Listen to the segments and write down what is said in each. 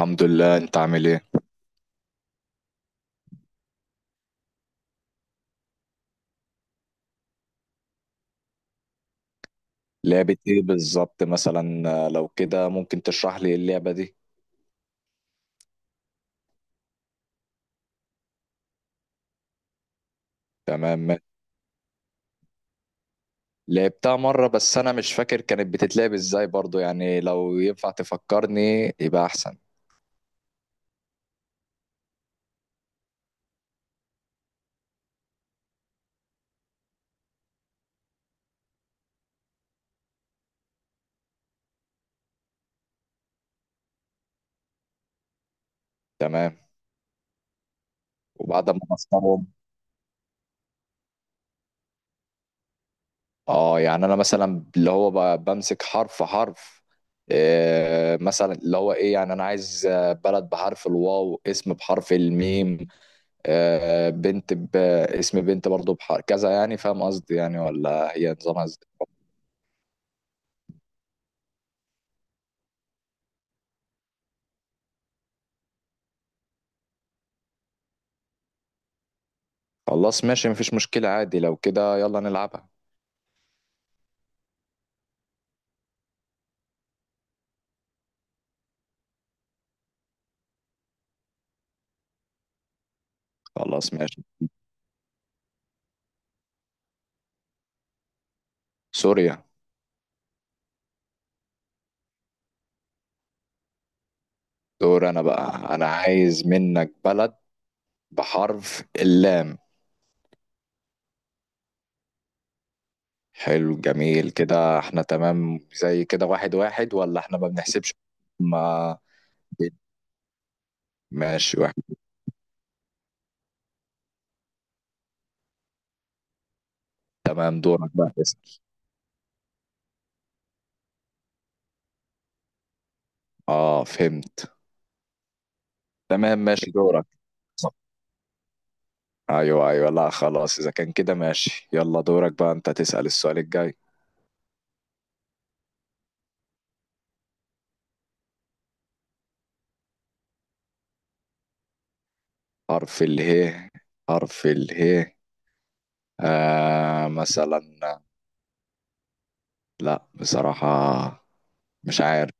الحمد لله، انت عامل ايه؟ لعبة ايه بالظبط مثلا لو كده ممكن تشرح لي اللعبة دي؟ تمام. لعبتها مرة بس انا مش فاكر كانت بتتلعب ازاي برضو، يعني لو ينفع تفكرني يبقى احسن. تمام، وبعد ما بختارهم اه يعني انا مثلا اللي هو بمسك حرف حرف. مثلا اللي هو ايه، يعني انا عايز بلد بحرف الواو، اسم بحرف الميم. بنت اسم بنت برضو بحرف كذا، يعني فاهم قصدي؟ يعني ولا هي نظامها ازاي؟ خلاص، ماشي، مفيش مشكلة، عادي لو كده يلا نلعبها. خلاص ماشي. سوريا. دور أنا بقى، أنا عايز منك بلد بحرف اللام. حلو، جميل. كده احنا تمام؟ زي كده واحد واحد ولا احنا ما بنحسبش؟ ما. ماشي واحد. تمام، دورك بقى، اسأل. اه، فهمت. تمام ماشي دورك. ايوه ايوه، لا خلاص، اذا كان كده ماشي يلا دورك بقى انت تسأل السؤال الجاي. حرف اله. حرف اله. مثلا. لا، بصراحة مش عارف.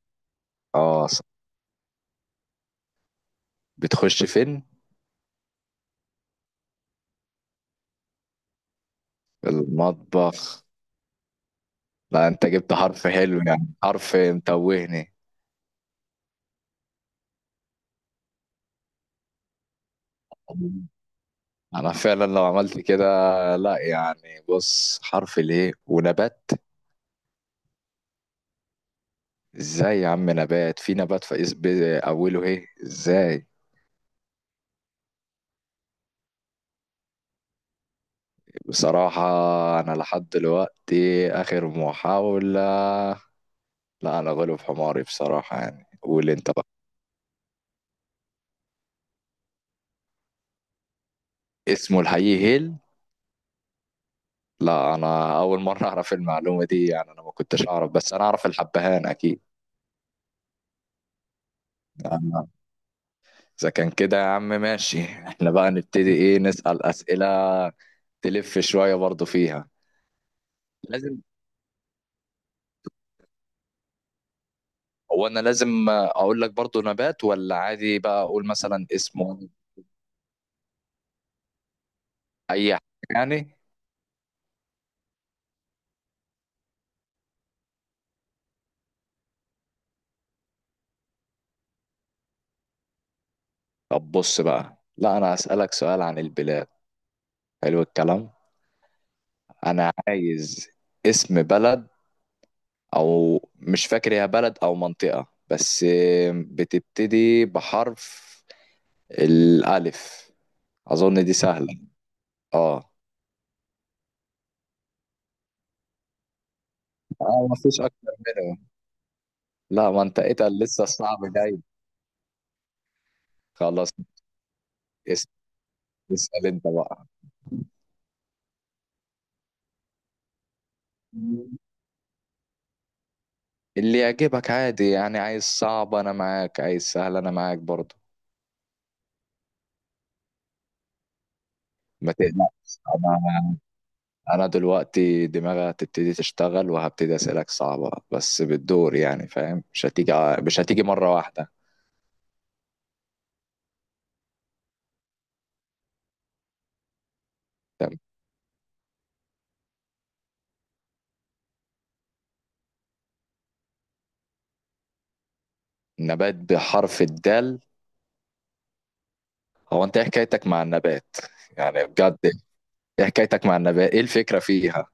اه، بتخش فين؟ في المطبخ؟ لا انت جبت حرف حلو، يعني حرف متوهني. انا فعلا لو عملت كده. لا يعني بص، حرف ليه ونبات؟ ازاي يا عم؟ نبات، في نبات، في اوله ايه ازاي؟ بصراحة انا لحد دلوقتي اخر محاولة. لا، انا غلب حماري بصراحة، يعني قول انت بقى. اسمه الحقيقي هيل؟ لا، انا اول مره اعرف المعلومه دي، يعني انا ما كنتش اعرف، بس انا اعرف الحبهان اكيد. أنا- اذا كان كده يا عم ماشي احنا بقى نبتدي ايه، نسال اسئله. تلف شويه برضو فيها. لازم. هو انا لازم اقول لك برضو نبات، ولا عادي بقى اقول مثلا اسمه؟ اي حاجه. يعني. طب بص بقى، لا انا هسالك سؤال عن البلاد. حلو الكلام. انا عايز اسم بلد، او مش فاكر هي بلد او منطقة بس، بتبتدي بحرف الالف. اظن دي سهلة. اه. اه، مفيش اكتر منها. لا، ما انت اتقل لسه، الصعب جاي. خلاص. اس- اسأل انت بقى. اللي يعجبك عادي، يعني عايز صعب انا معاك، عايز سهل انا معاك برضو. ما تقلقش انا دلوقتي دماغي هتبتدي تشتغل وهبتدي اسالك صعبة، بس بالدور يعني فاهم، مش هتيجي مرة واحدة. نبات بحرف الدال. هو انت ايه حكايتك مع النبات، يعني بجد؟ ايه حكايتك مع النبات؟ ايه الفكرة فيها؟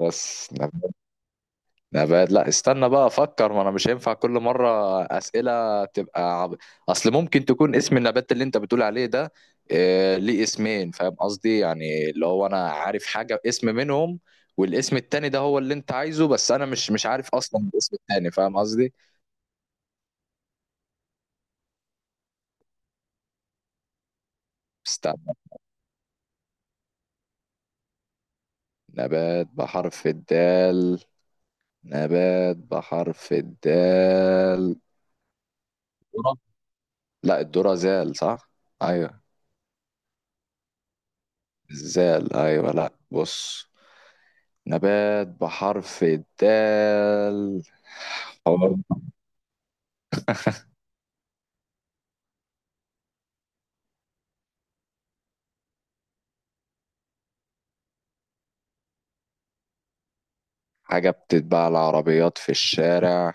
بس نبات. نبات. لا، استنى بقى افكر، ما انا مش هينفع كل مرة اسئلة تبقى اصل ممكن تكون اسم النبات اللي انت بتقول عليه ده اه ليه اسمين، فاهم قصدي؟ يعني اللي هو انا عارف حاجة اسم منهم، والاسم التاني ده هو اللي انت عايزه، بس انا مش عارف اصلا الاسم التاني، فاهم قصدي؟ استنى. نبات بحرف الدال. نبات بحرف الدال. ذرة. لا، الذرة زال، صح؟ ايوه. الزال، ايوه. لا بص، نبات بحرف الدال. حوار. حاجة بتتباع العربيات في الشارع؟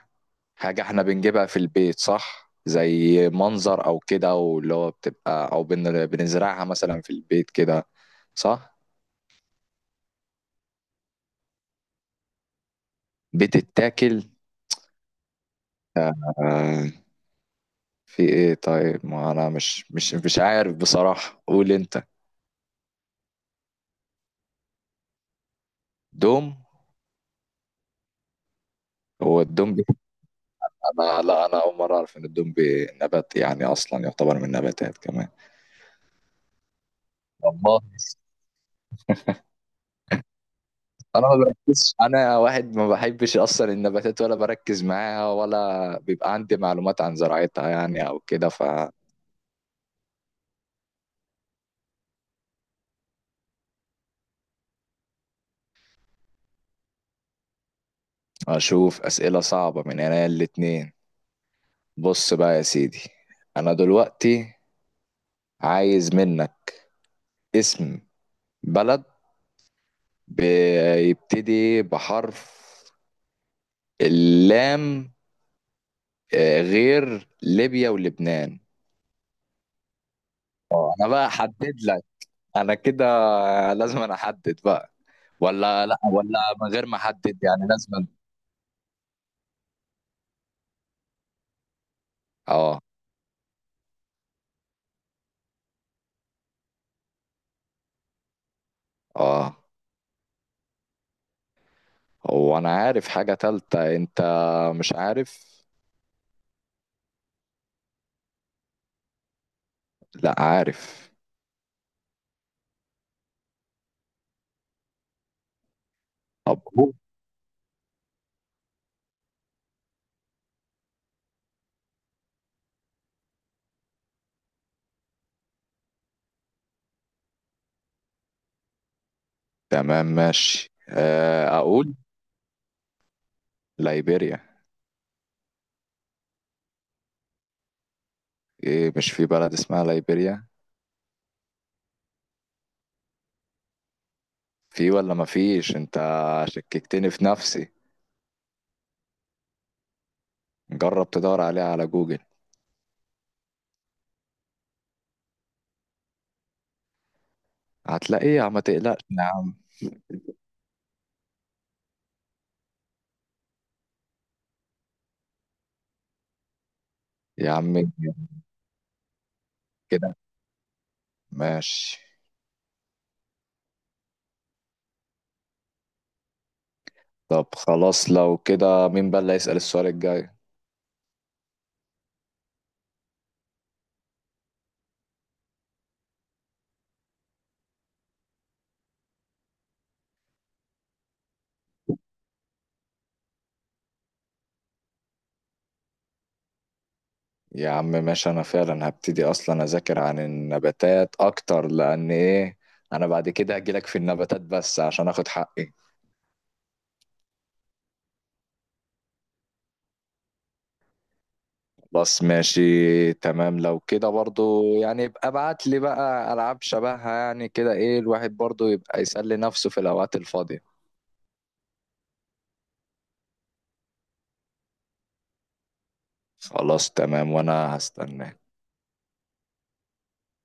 حاجة احنا بنجيبها في البيت، صح؟ زي منظر او كده واللي هو بتبقى، او بنزرعها مثلا في البيت كده؟ صح. بتتاكل. آه. في ايه طيب؟ ما انا مش عارف بصراحة، قول انت. دوم. هو الدوم لا، انا اول مره اعرف ان الدوم بي نبات، يعني اصلا يعتبر من النباتات كمان. والله انا ما بركزش، انا واحد ما بحبش اصلا النباتات ولا بركز معاها، ولا بيبقى عندي معلومات عن زراعتها يعني او كده. فاشوف اسئله صعبه من هنا الاتنين. بص بقى يا سيدي، انا دلوقتي عايز منك اسم بلد بيبتدي بحرف اللام، غير ليبيا ولبنان. انا بقى احدد لك، انا كده لازم أنا احدد بقى، ولا لا، ولا من غير ما احدد؟ يعني لازم اه. اه. هو انا عارف حاجة تالتة، انت؟ مش عارف. لا، عارف. طب قول. تمام ماشي، اقول ليبيريا. ايه؟ مش في بلد اسمها ليبيريا؟ في ولا ما فيش؟ انت شككتني في نفسي. جرب تدور عليها على جوجل، هتلاقيها ما تقلقش يا عم. يا عم كده ماشي. طب خلاص لو كده مين بقى اللي هيسأل السؤال الجاي؟ يا عم ماشي، انا فعلا هبتدي اصلا اذاكر عن النباتات اكتر، لان ايه، انا بعد كده هجيلك في النباتات بس عشان اخد حقي. خلاص ماشي تمام، لو كده برضو يعني يبقى ابعت لي بقى العاب شبهها يعني كده، ايه الواحد برضو يبقى يسلي نفسه في الاوقات الفاضية. خلاص تمام، وانا هستناك.